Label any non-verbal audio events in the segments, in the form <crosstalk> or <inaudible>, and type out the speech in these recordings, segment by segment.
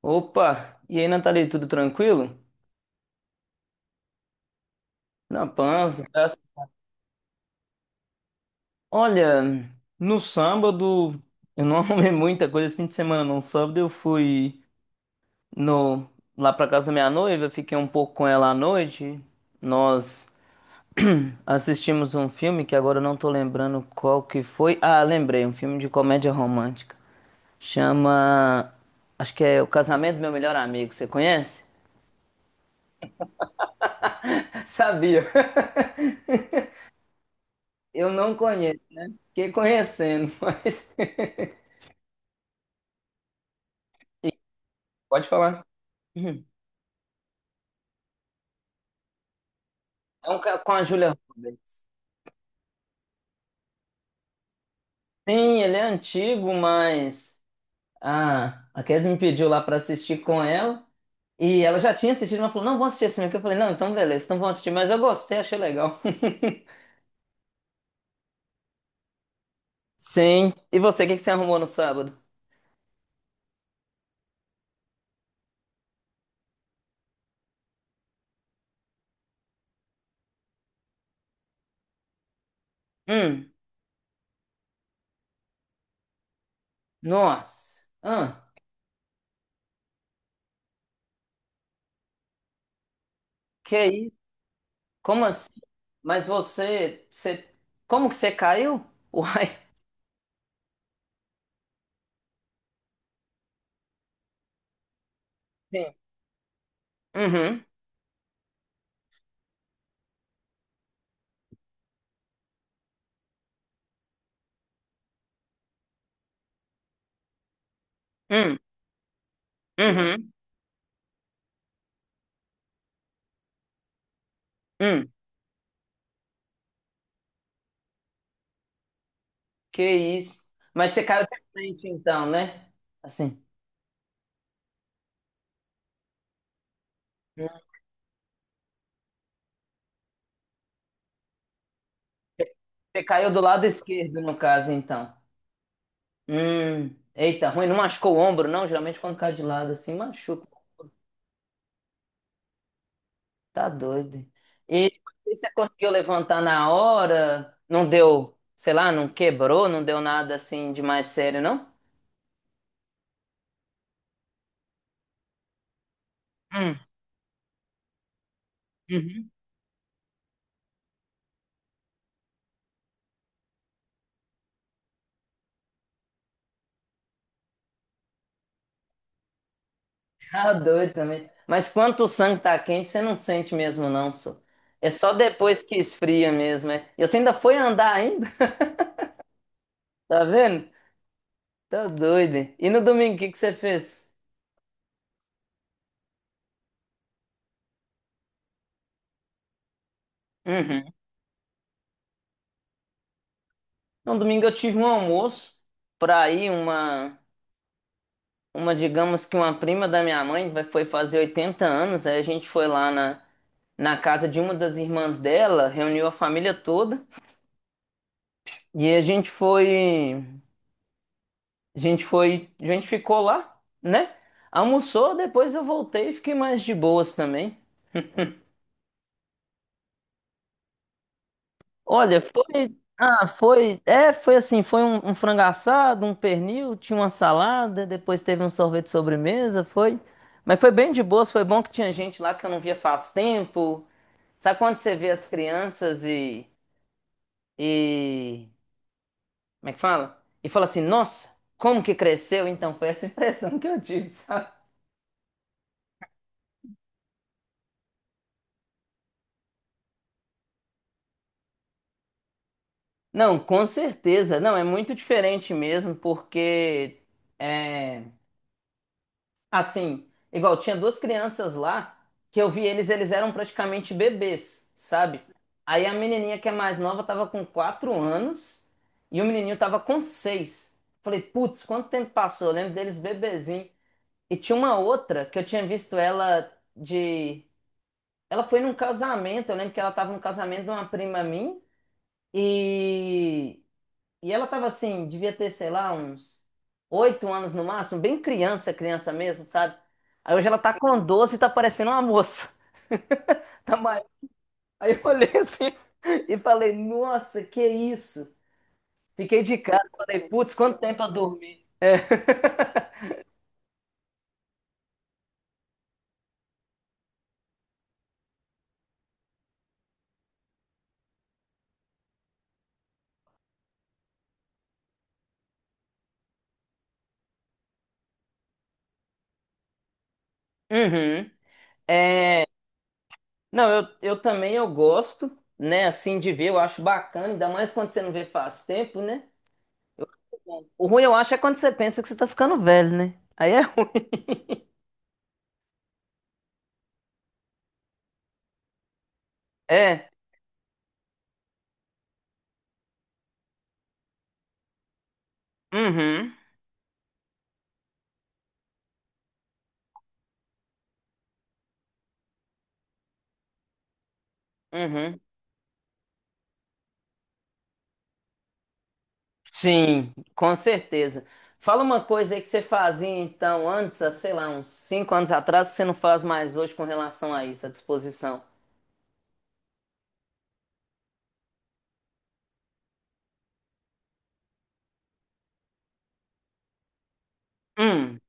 Opa! E aí, Nathalie, tudo tranquilo? Na paz, graças. Olha, no sábado, eu não <laughs> arrumei muita coisa esse fim de semana, no sábado eu fui no, lá pra casa da minha noiva, fiquei um pouco com ela à noite. Nós assistimos um filme que agora eu não tô lembrando qual que foi. Ah, lembrei, um filme de comédia romântica. Chama. Acho que é O Casamento do Meu Melhor Amigo. Você conhece? <laughs> Sabia! Eu não conheço, fiquei conhecendo, mas. <laughs> Pode falar. Uhum. É um com a Julia Roberts. Sim, ele é antigo, mas a Kes me pediu lá pra assistir com ela. E ela já tinha assistido, mas falou: não, vou assistir esse filme aqui. Eu falei: não, então beleza, então vamos assistir. Mas eu gostei, achei legal. <laughs> Sim. E você, o que que você arrumou no sábado? Hum, nossa. Ah, que isso? Como assim? Mas você. Como que você caiu? <laughs> Uai. Sim. Uhum, hum, uhum, hum. Que isso. Mas você caiu de frente, então, né? Assim. Hum. Você caiu do lado esquerdo, no caso, então. Hum. Eita, ruim. Não machucou o ombro, não? Geralmente quando cai de lado assim, machuca. Tá doido. E você conseguiu levantar na hora? Não deu, sei lá, não quebrou, não deu nada assim de mais sério, não? Hum. Uhum. Tá doido também. Mas quando o sangue tá quente, você não sente mesmo, não, só. É só depois que esfria mesmo, é. E você ainda foi andar ainda? <laughs> Tá vendo? Tá doido. Hein? E no domingo, o que que você fez? Uhum. No domingo eu tive um almoço pra ir uma, digamos que uma prima da minha mãe foi fazer 80 anos. Aí a gente foi lá na, na casa de uma das irmãs dela, reuniu a família toda e a gente foi, a gente ficou lá, né? Almoçou, depois eu voltei e fiquei mais de boas também. Olha, foi. Ah, foi. É, foi assim: foi um frango assado, um pernil, tinha uma salada, depois teve um sorvete de sobremesa, foi. Mas foi bem de boas, foi bom que tinha gente lá que eu não via faz tempo. Sabe quando você vê as crianças e como é que fala? E fala assim: nossa, como que cresceu? Então foi essa <laughs> impressão que eu tive, sabe? Não, com certeza. Não, é muito diferente mesmo, porque, é, assim, igual tinha duas crianças lá que eu vi eles, eles eram praticamente bebês, sabe? Aí a menininha que é mais nova tava com 4 anos e o menininho tava com seis. Falei, putz, quanto tempo passou? Eu lembro deles bebezinho. E tinha uma outra que eu tinha visto ela de. Ela foi num casamento, eu lembro que ela tava num casamento de uma prima minha e. E ela tava assim, devia ter, sei lá, uns 8 anos no máximo, bem criança, criança mesmo, sabe? Aí hoje ela tá com 12 e tá parecendo uma moça. <laughs> Tá maior. Aí eu olhei assim <laughs> e falei, nossa, que isso? Fiquei de casa, falei, putz, quanto tempo eu dormi? Uhum. É, não, eu também eu gosto, né, assim, de ver, eu acho bacana, ainda mais quando você não vê faz tempo, né? O ruim eu acho é quando você pensa que você tá ficando velho, né? Aí é ruim. É. Uhum. Uhum. Sim, com certeza. Fala uma coisa aí que você fazia então antes, há, sei lá, uns 5 anos atrás, que você não faz mais hoje com relação a isso, à disposição. Hum,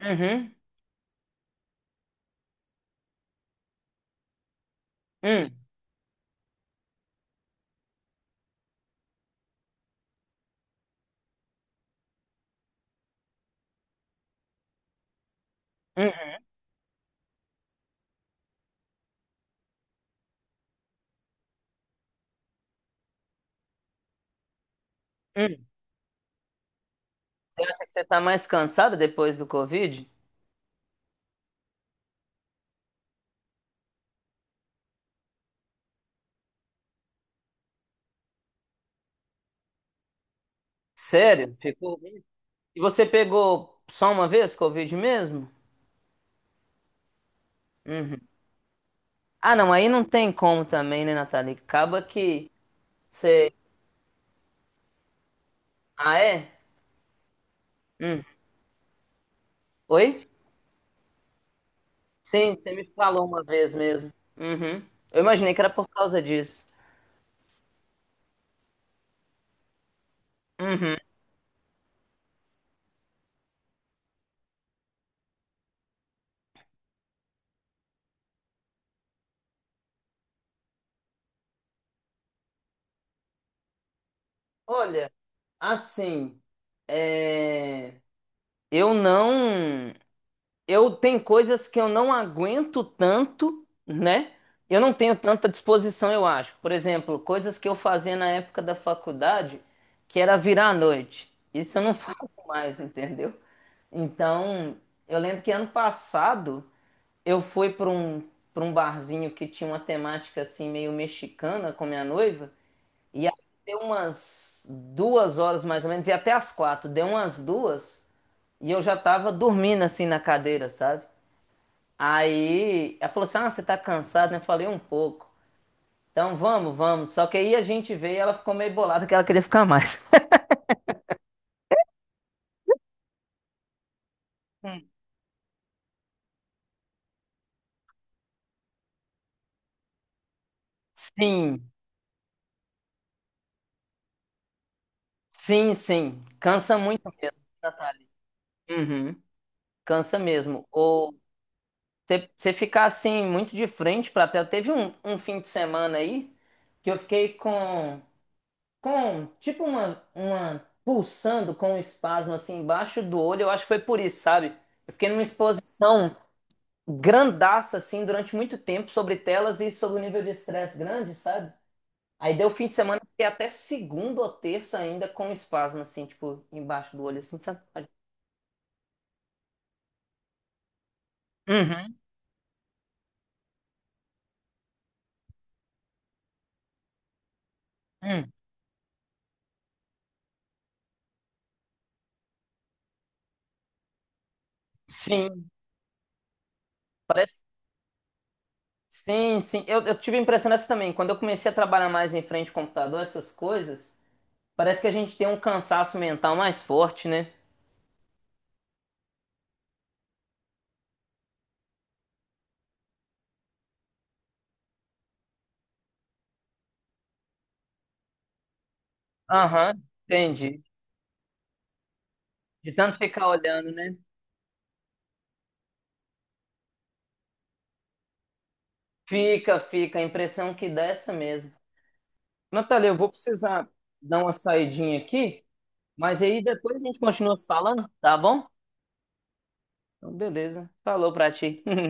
uhum, hum, hum, hum. Você acha que você tá mais cansada depois do Covid? Sério? Ficou ruim? E você pegou só uma vez Covid mesmo? Uhum. Ah, não, aí não tem como também, né, Nathalie? Acaba que você. Ah, é? Hum. Oi? Sim, você me falou uma vez mesmo. Uhum. Eu imaginei que era por causa disso. Uhum. Olha, assim, é, eu não. Eu tenho coisas que eu não aguento tanto, né? Eu não tenho tanta disposição, eu acho. Por exemplo, coisas que eu fazia na época da faculdade, que era virar à noite. Isso eu não <laughs> faço mais, entendeu? Então, eu lembro que ano passado, eu fui para um barzinho que tinha uma temática assim meio mexicana com minha noiva, e aí deu umas 2 horas mais ou menos, e até as quatro, deu umas duas, e eu já tava dormindo assim na cadeira, sabe? Aí ela falou assim: Ah, você tá cansado, né? Eu falei um pouco. Então vamos, vamos. Só que aí a gente veio e ela ficou meio bolada que ela queria ficar mais. <laughs> Sim, sim, sim. Cansa muito mesmo, Natália. Uhum. Cansa mesmo. Você ficar assim muito de frente pra tela. Teve um fim de semana aí que eu fiquei com tipo uma pulsando com um espasmo assim embaixo do olho. Eu acho que foi por isso, sabe? Eu fiquei numa exposição grandaça assim durante muito tempo sobre telas e sobre o nível de estresse grande, sabe? Aí deu fim de semana e até segunda ou terça ainda com um espasmo assim, tipo, embaixo do olho assim, sabe? Uhum, uhum. Sim. Sim, sim. Eu tive a impressão dessa também. Quando eu comecei a trabalhar mais em frente ao computador, essas coisas, parece que a gente tem um cansaço mental mais forte, né? Aham, entendi. De tanto ficar olhando, né? Fica, fica. A impressão que dá é essa mesmo. Natália, eu vou precisar dar uma saidinha aqui, mas aí depois a gente continua se falando, tá bom? Então, beleza. Falou pra ti. <laughs>